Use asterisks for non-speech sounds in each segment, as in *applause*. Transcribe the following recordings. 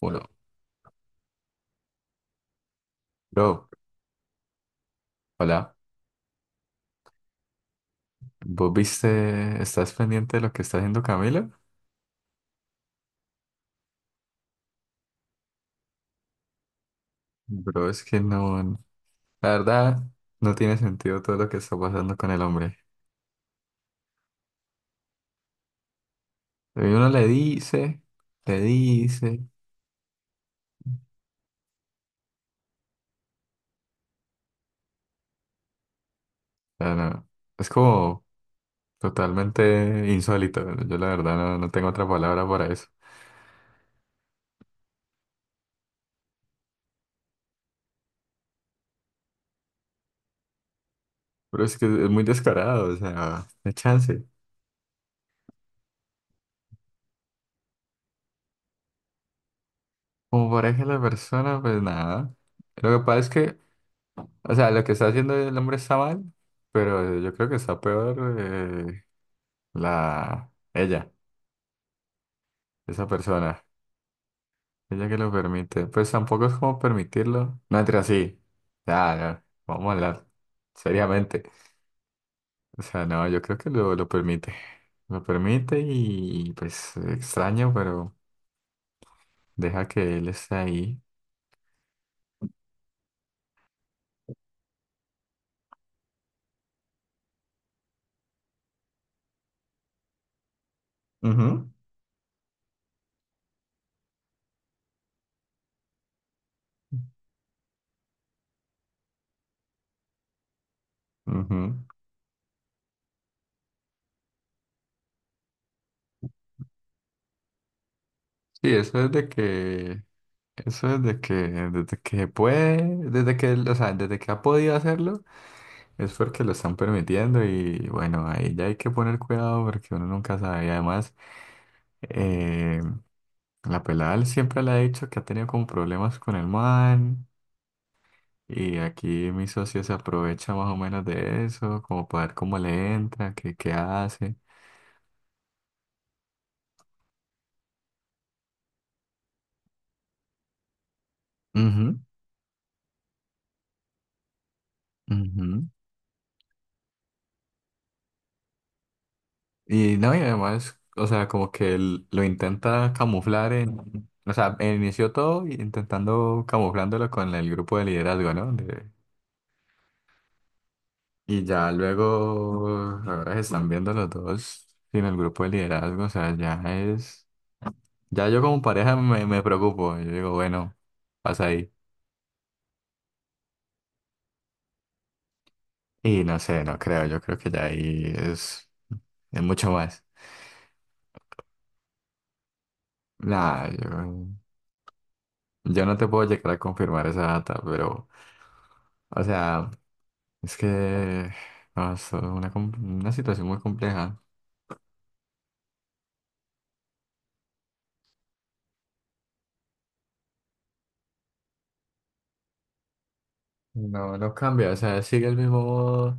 Bueno, bro, hola. ¿Vos viste? ¿Estás pendiente de lo que está haciendo Camilo? Bro, es que no, la verdad, no tiene sentido todo lo que está pasando con el hombre. Y uno le dice, le dice, o no, es como totalmente insólito. Yo la verdad no tengo otra palabra para eso. Pero es que es muy descarado, o sea, de chance. Como pareja de la persona, pues nada. Lo que pasa es que, o sea, lo que está haciendo el hombre está mal, pero yo creo que está peor la ella, esa persona, ella que lo permite. Pues tampoco es como permitirlo. No entre así. Ya, no, vamos a hablar seriamente. O sea, no, yo creo que lo permite. Lo permite y pues extraño, pero deja que él esté ahí. Ujú, ujú. Sí, eso es de que, eso es de que, desde que puede, desde que él, o sea, desde que ha podido hacerlo. Es porque lo están permitiendo y bueno, ahí ya hay que poner cuidado porque uno nunca sabe. Y además, eh, la pelada él siempre le ha dicho que ha tenido como problemas con el man, y aquí mi socio se aprovecha más o menos de eso, como para ver cómo le entra, qué, qué hace. Ujú, ujú. Y no, y además, o sea, como que él lo intenta camuflar en, o sea, inició todo intentando camuflándolo con el grupo de liderazgo, ¿no? De... Y ya luego, ahora se están viendo los dos sin el grupo de liderazgo, o sea, ya es, ya yo como pareja me preocupo, yo digo, bueno, pasa ahí. Y no sé, no creo, yo creo que ya ahí es mucho más. Nah, yo no te puedo llegar a confirmar esa data, pero, o sea, es que, no, es una, com- una situación muy compleja. No, no cambia, o sea, sigue el mismo,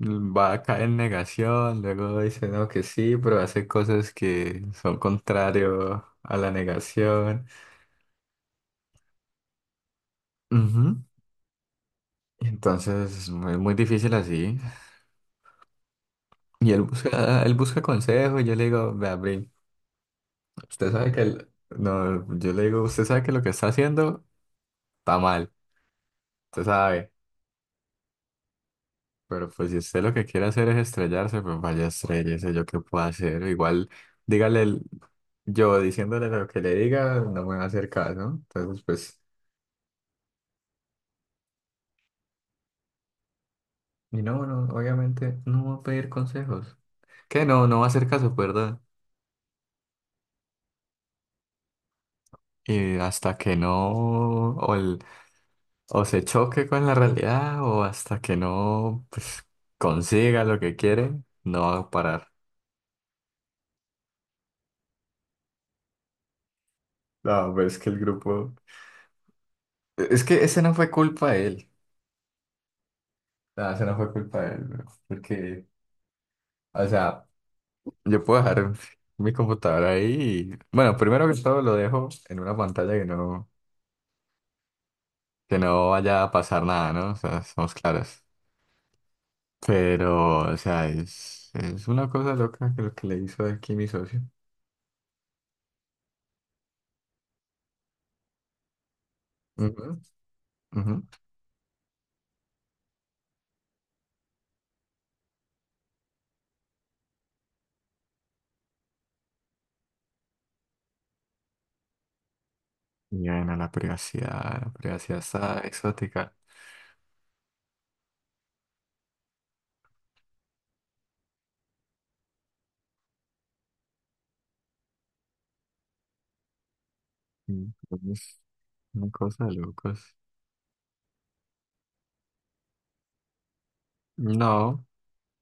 va a caer en negación, luego dice no que sí, pero hace cosas que son contrario a la negación. Ujú. Entonces es muy, muy difícil así. Y él busca consejo y yo le digo, vea, Brin, usted sabe que el- no, yo le digo, usted sabe que lo que está haciendo está mal, usted sabe. Pero pues si usted lo que quiere hacer es estrellarse, pues vaya estrellese, yo qué puedo hacer. Igual, dígale el- yo diciéndole lo que le diga, no me va a hacer caso, ¿no? Entonces, pues. Y no, no, obviamente no va a pedir consejos. Que no, no va a hacer caso, ¿verdad? Y hasta que no, o el- o se choque con la realidad, o hasta que no, pues, consiga lo que quiere, no va a parar. No, pero es que el grupo... Es que ese no fue culpa de él. No, ese no fue culpa de él, bro. Porque, o sea, yo puedo dejar mi computadora ahí y... Bueno, primero que todo lo dejo en una pantalla que no vaya a pasar nada, ¿no? O sea, somos claros. Pero, o sea, es una cosa loca que lo que le hizo aquí mi socio. Ujú, ujú. Y bueno, la privacidad está exótica. Entonces, una cosa de locos. No,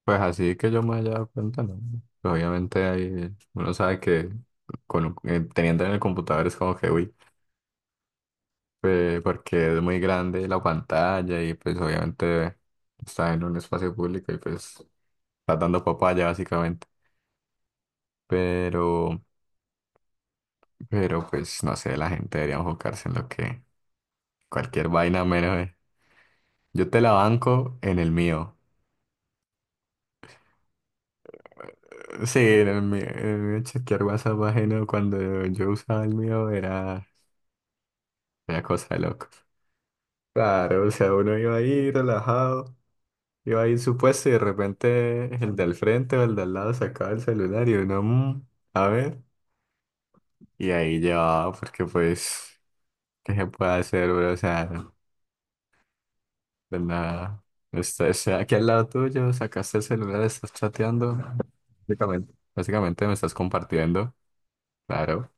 pues así que yo me haya dado cuenta, no. Obviamente hay, uno sabe que con, un- teniendo en el computador es como que, uy, porque es muy grande la pantalla y pues obviamente está en un espacio público y pues está dando papaya básicamente. Pero... Pero pues no sé, la gente debería enfocarse en lo que cualquier vaina menos. Yo te la banco en el mío. Sí, en el mío. En el mío chequear WhatsApp ajeno cuando yo usaba el mío era, era cosa de locos. Claro, o sea, uno iba ahí relajado, iba ahí en su puesto y de repente el del frente o el de al lado sacaba el celular y uno, "Mm, a ver". Y ahí llevaba, porque pues, ¿qué se puede hacer, bro? O sea. De la... Este, aquí al lado tuyo, sacaste el celular, estás chateando. Básicamente. Básicamente me estás compartiendo. Claro.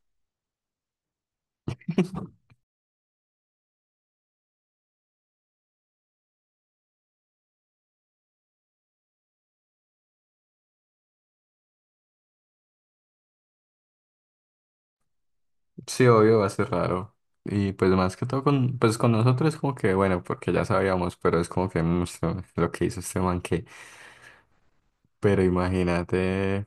Sí, obvio, va a ser raro. Y pues más que todo con, pues con nosotros es como que, bueno, porque ya sabíamos, pero es como que mm, esto- lo que hizo este man que. Pero imagínate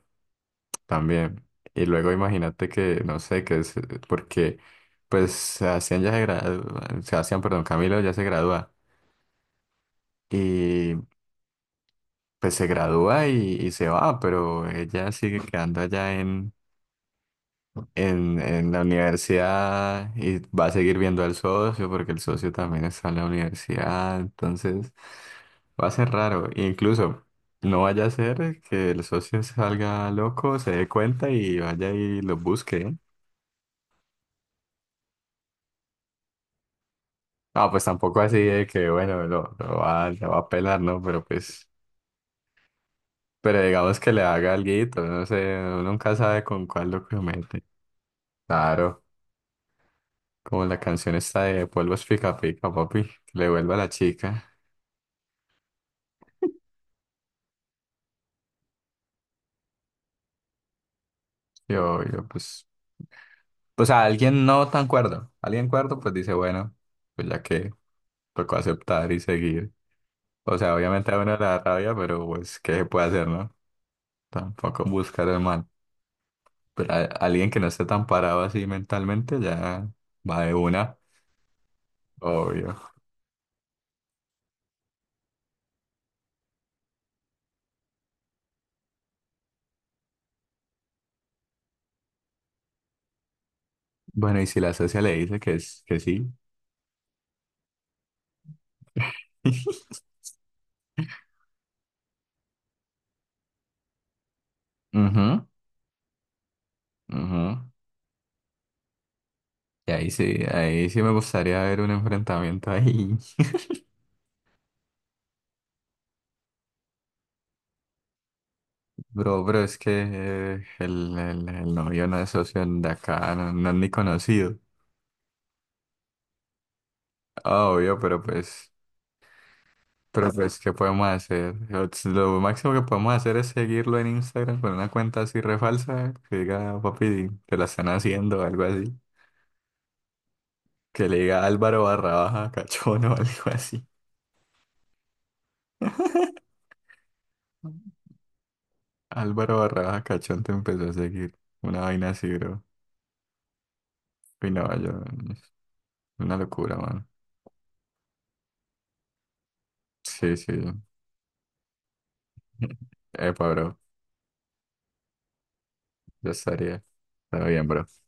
también. Y luego imagínate que, no sé, que es porque pues Sebastián ya se gradúa, Sebastián, perdón, Camilo ya se gradúa. Pues se gradúa y se va, pero ella sigue quedando allá en la universidad y va a seguir viendo al socio porque el socio también está en la universidad, entonces va a ser raro. E incluso no vaya a ser que el socio salga loco, se dé cuenta y vaya y lo busque, ¿eh? Ah, pues tampoco así de que, bueno, lo va a pelar, ¿no? Pero pues, pero digamos que le haga alguito, no sé, uno nunca sabe con cuál lo comete. Claro. Como la canción esta de Polvos Pica Pica, papi, que le vuelva a la chica. Yo, pues, o sea, alguien no tan cuerdo, alguien cuerdo, pues dice, bueno, pues ya que tocó aceptar y seguir. O sea, obviamente a uno le da rabia, pero pues, ¿qué se puede hacer, no? Tampoco buscar el mal. Pero a- alguien que no esté tan parado así mentalmente ya va de una, obvio. Bueno, y si la socia le dice que, es, que sí. *laughs* Ujú, ujú. Y ahí sí me gustaría ver un enfrentamiento ahí. Bro, bro, es que el novio no es socio de acá, no, no es ni conocido. Ah, obvio, pero pues, ¿qué podemos hacer? Lo máximo que podemos hacer es seguirlo en Instagram con una cuenta así refalsa, que diga, papi, te la están haciendo, o algo así. Que le diga Álvaro barra baja cachón *laughs* o algo así. *laughs* Álvaro barra baja cachón te empezó a seguir. Una vaina así, bro. Y no, yo, una locura, mano. Sí, sí. *laughs* Epa, bro, ya estaría. Está bien, bro.